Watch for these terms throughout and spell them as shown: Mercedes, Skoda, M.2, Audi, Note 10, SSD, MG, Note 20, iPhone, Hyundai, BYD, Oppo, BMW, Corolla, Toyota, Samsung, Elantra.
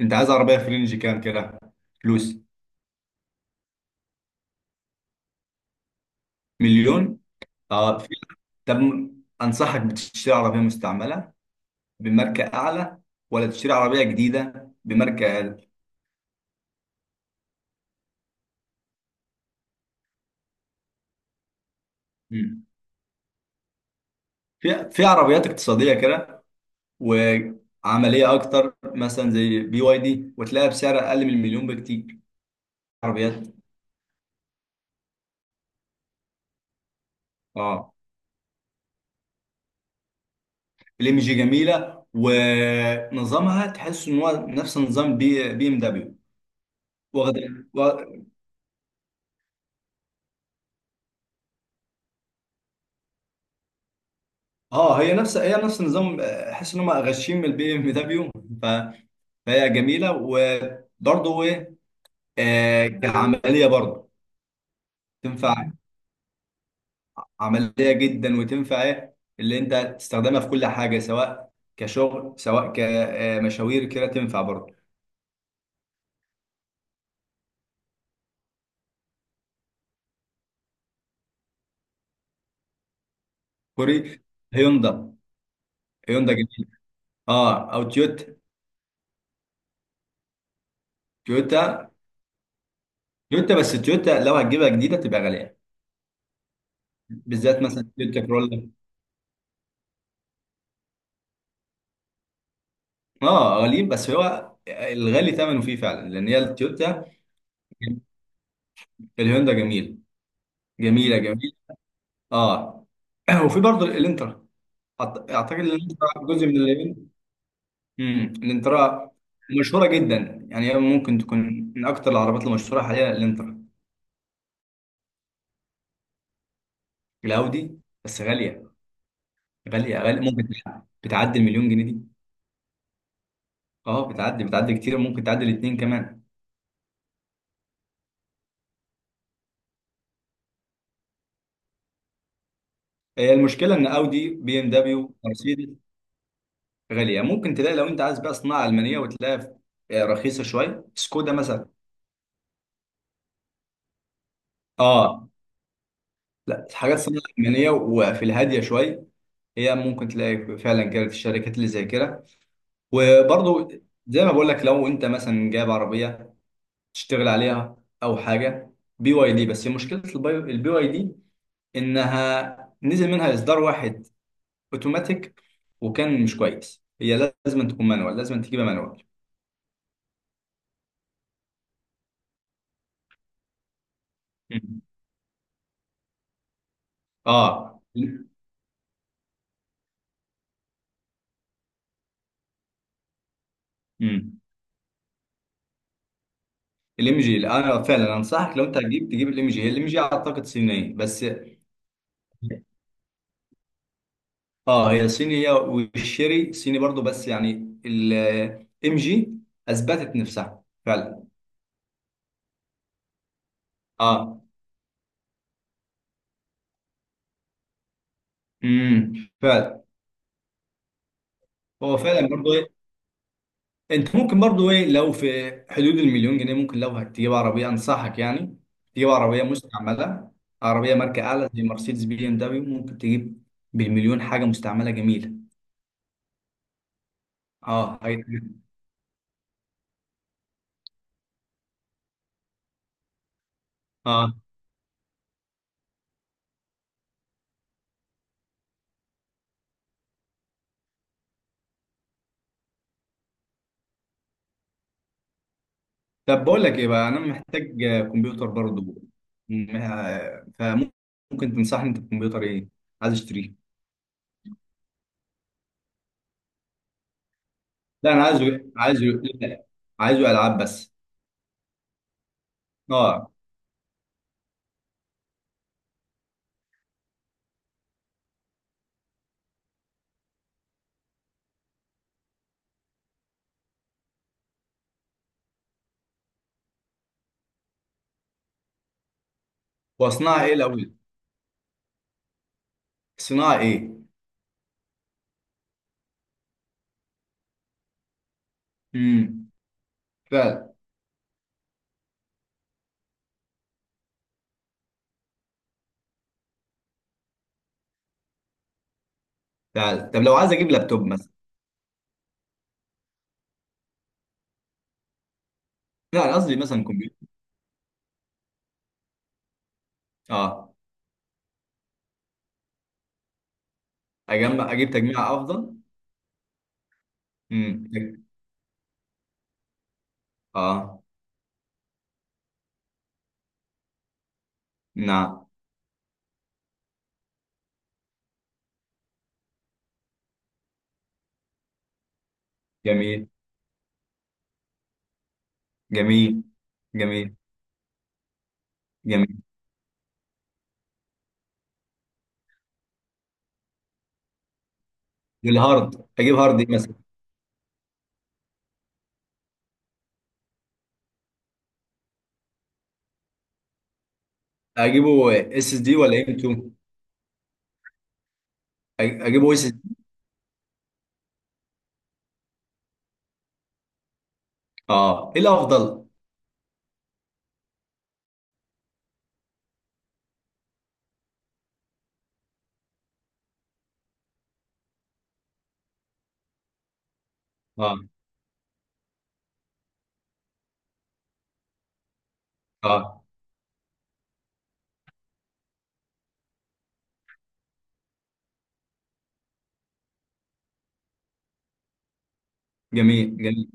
انت عايز عربيه في رينج كام كده فلوس؟ مليون؟ اه. في- طب انصحك بتشتري عربيه مستعمله بماركه اعلى، ولا تشتري عربيه جديده بماركه اقل؟ مم. في عربيات اقتصاديه كده وعمليه اكتر، مثلا زي بي واي دي، وتلاقيها بسعر اقل من المليون بكتير. عربيات، اه، الام جي جميله ونظامها تحس ان هو نفس نظام بي بي ام دبليو. واخد، اه، هي نفس النظام، احس ان هم غشيم البي ام دبليو، فهي جميله. وبرضه ايه، كعمليه برضه تنفع، عمليه جدا. وتنفع ايه اللي انت تستخدمها في كل حاجه، سواء كشغل سواء كمشاوير كده تنفع برضه. كوري؟ هيوندا. هيوندا جميله، اه، او تويوتا. تويوتا تويوتا بس تويوتا لو هتجيبها جديده تبقى غاليه، بالذات مثلا تويوتا كرولا. اه غاليين، بس هو الغالي ثمنه فيه فعلا، لان هي التويوتا. الهوندا جميل، جميله. اه. وفي برضه الانترا. اعتقد ان الانترا جزء من اليابان. الانترا مشهوره جدا، يعني هي ممكن تكون من اكتر العربيات المشهوره حاليا، الانترا. الاودي بس غاليه. غاليه ممكن بتعدي المليون جنيه دي. اه بتعدي كتير، ممكن تعدي الاثنين كمان. هي المشكله ان اودي بي ام دبليو مرسيدس غاليه. ممكن تلاقي لو انت عايز بقى صناعه المانيه، وتلاقيها رخيصه شويه، سكودا مثلا. اه، لا الحاجات الصينية الألمانية وفي الهادية شوية، هي ممكن تلاقي فعلا كده في الشركات اللي زي كده. وبرضو زي ما بقول لك، لو أنت مثلا جايب عربية تشتغل عليها، أو حاجة بي واي دي. بس مشكلة البي واي دي إنها نزل منها إصدار واحد أوتوماتيك، وكان مش كويس. هي لازم تكون مانوال، لازم تجيبها مانوال. مم. آه الام جي، انا فعلا انصحك لو انت هتجيب تجيب الام جي. هي الام جي اعتقد صينيه، بس اه. هي صينية والشيري صيني برضو، بس يعني الام جي اثبتت نفسها فعلا. اه. امم فعلا. هو فعلا برضو ايه، انت ممكن برضو ايه، لو في حدود المليون جنيه ممكن، لو هتجيب عربية انصحك يعني تجيب عربية مستعملة، عربية ماركة اعلى زي مرسيدس بي ام دبليو، ممكن تجيب بالمليون حاجة مستعملة جميلة. اه اه. طب بقول لك ايه بقى، انا محتاج كمبيوتر برضه. فممكن تنصحني انت بكمبيوتر ايه عايز اشتريه؟ لا انا عايزه إيه؟ عايزه لا، عايزه العاب بس. اه. واصنعها ايه الاول؟ صناعه ايه؟ امم فعلا، فعلا. طب لو عايز اجيب لابتوب مثلا؟ لا انا قصدي مثلا كمبيوتر. اه، اجمع، اجيب تجميع افضل. امم. اه. نعم. جميل. جميل. جميل. جميل. والهارد اجيب هارد ايه مثلا؟ اجيبه اس اس دي ولا ام 2؟ اجيب ويس؟ اه. ايه الافضل؟ اه. اه جميل. جميل.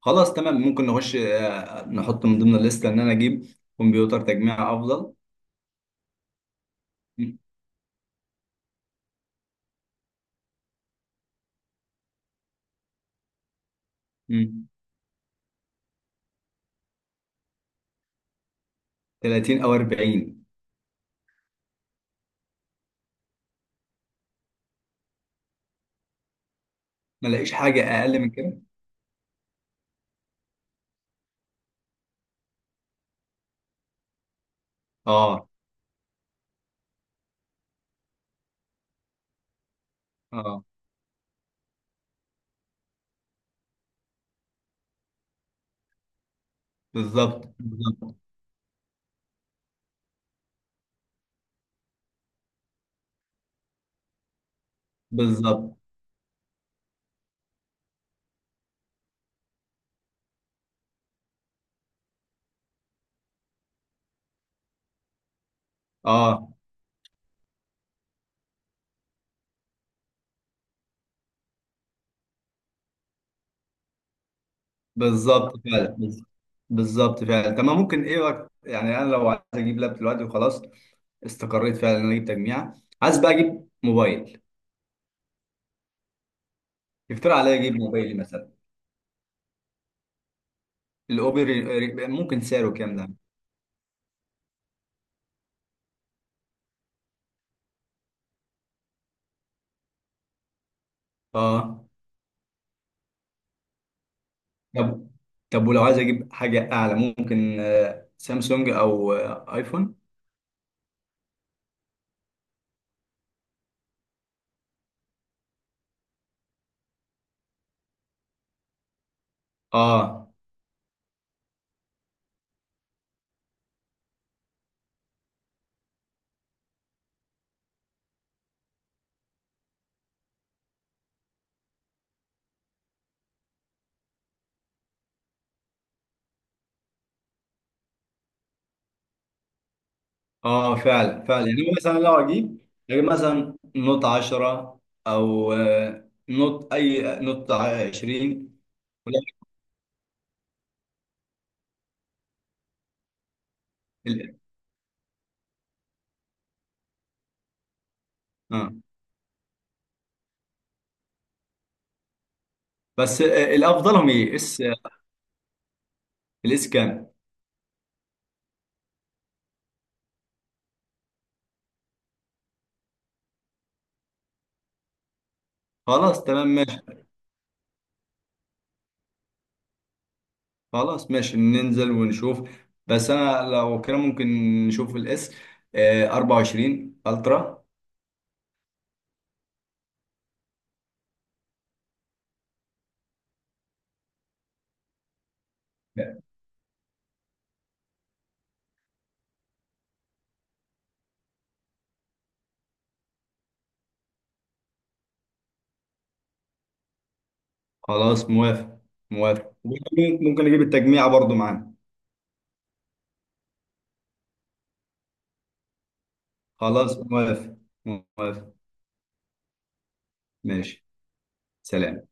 خلاص تمام، ممكن نخش، نحط من ضمن الليسته ان انا اجيب كمبيوتر تجميع افضل. م- م. 30 او 40؟ ما الاقيش حاجه اقل من كده؟ اه. اه. بالظبط، بالظبط. بالظبط. اه. بالظبط فعلا. بالظبط فعلا تمام. ممكن ايه وقت يعني؟ انا لو عايز اجيب لاب دلوقتي وخلاص، استقريت فعلا ان انا اجيب تجميع. عايز بقى اجيب موبايل. يفترض عليا اجيب موبايلي مثلا. الاوبر، ممكن سعره كام ده؟ اه. طب، طب ولو عايز اجيب حاجه اعلى؟ ممكن سامسونج او ايفون. اه. اه فعلا، فعلا. يعني مثلا لو اجيب، اجيب مثلا نوت 10، او نوت اي نوت 20، ولا- ال- اه. بس الافضلهم ايه؟ اس الاس كام؟ خلاص تمام ماشي. خلاص، ماشي ننزل ونشوف. بس انا لو كده ممكن نشوف الاس آه 24 الترا. خلاص موافق. موافق. ممكن، ممكن اجيب التجميع برضو معانا. خلاص موافق. موافق. ماشي. سلام.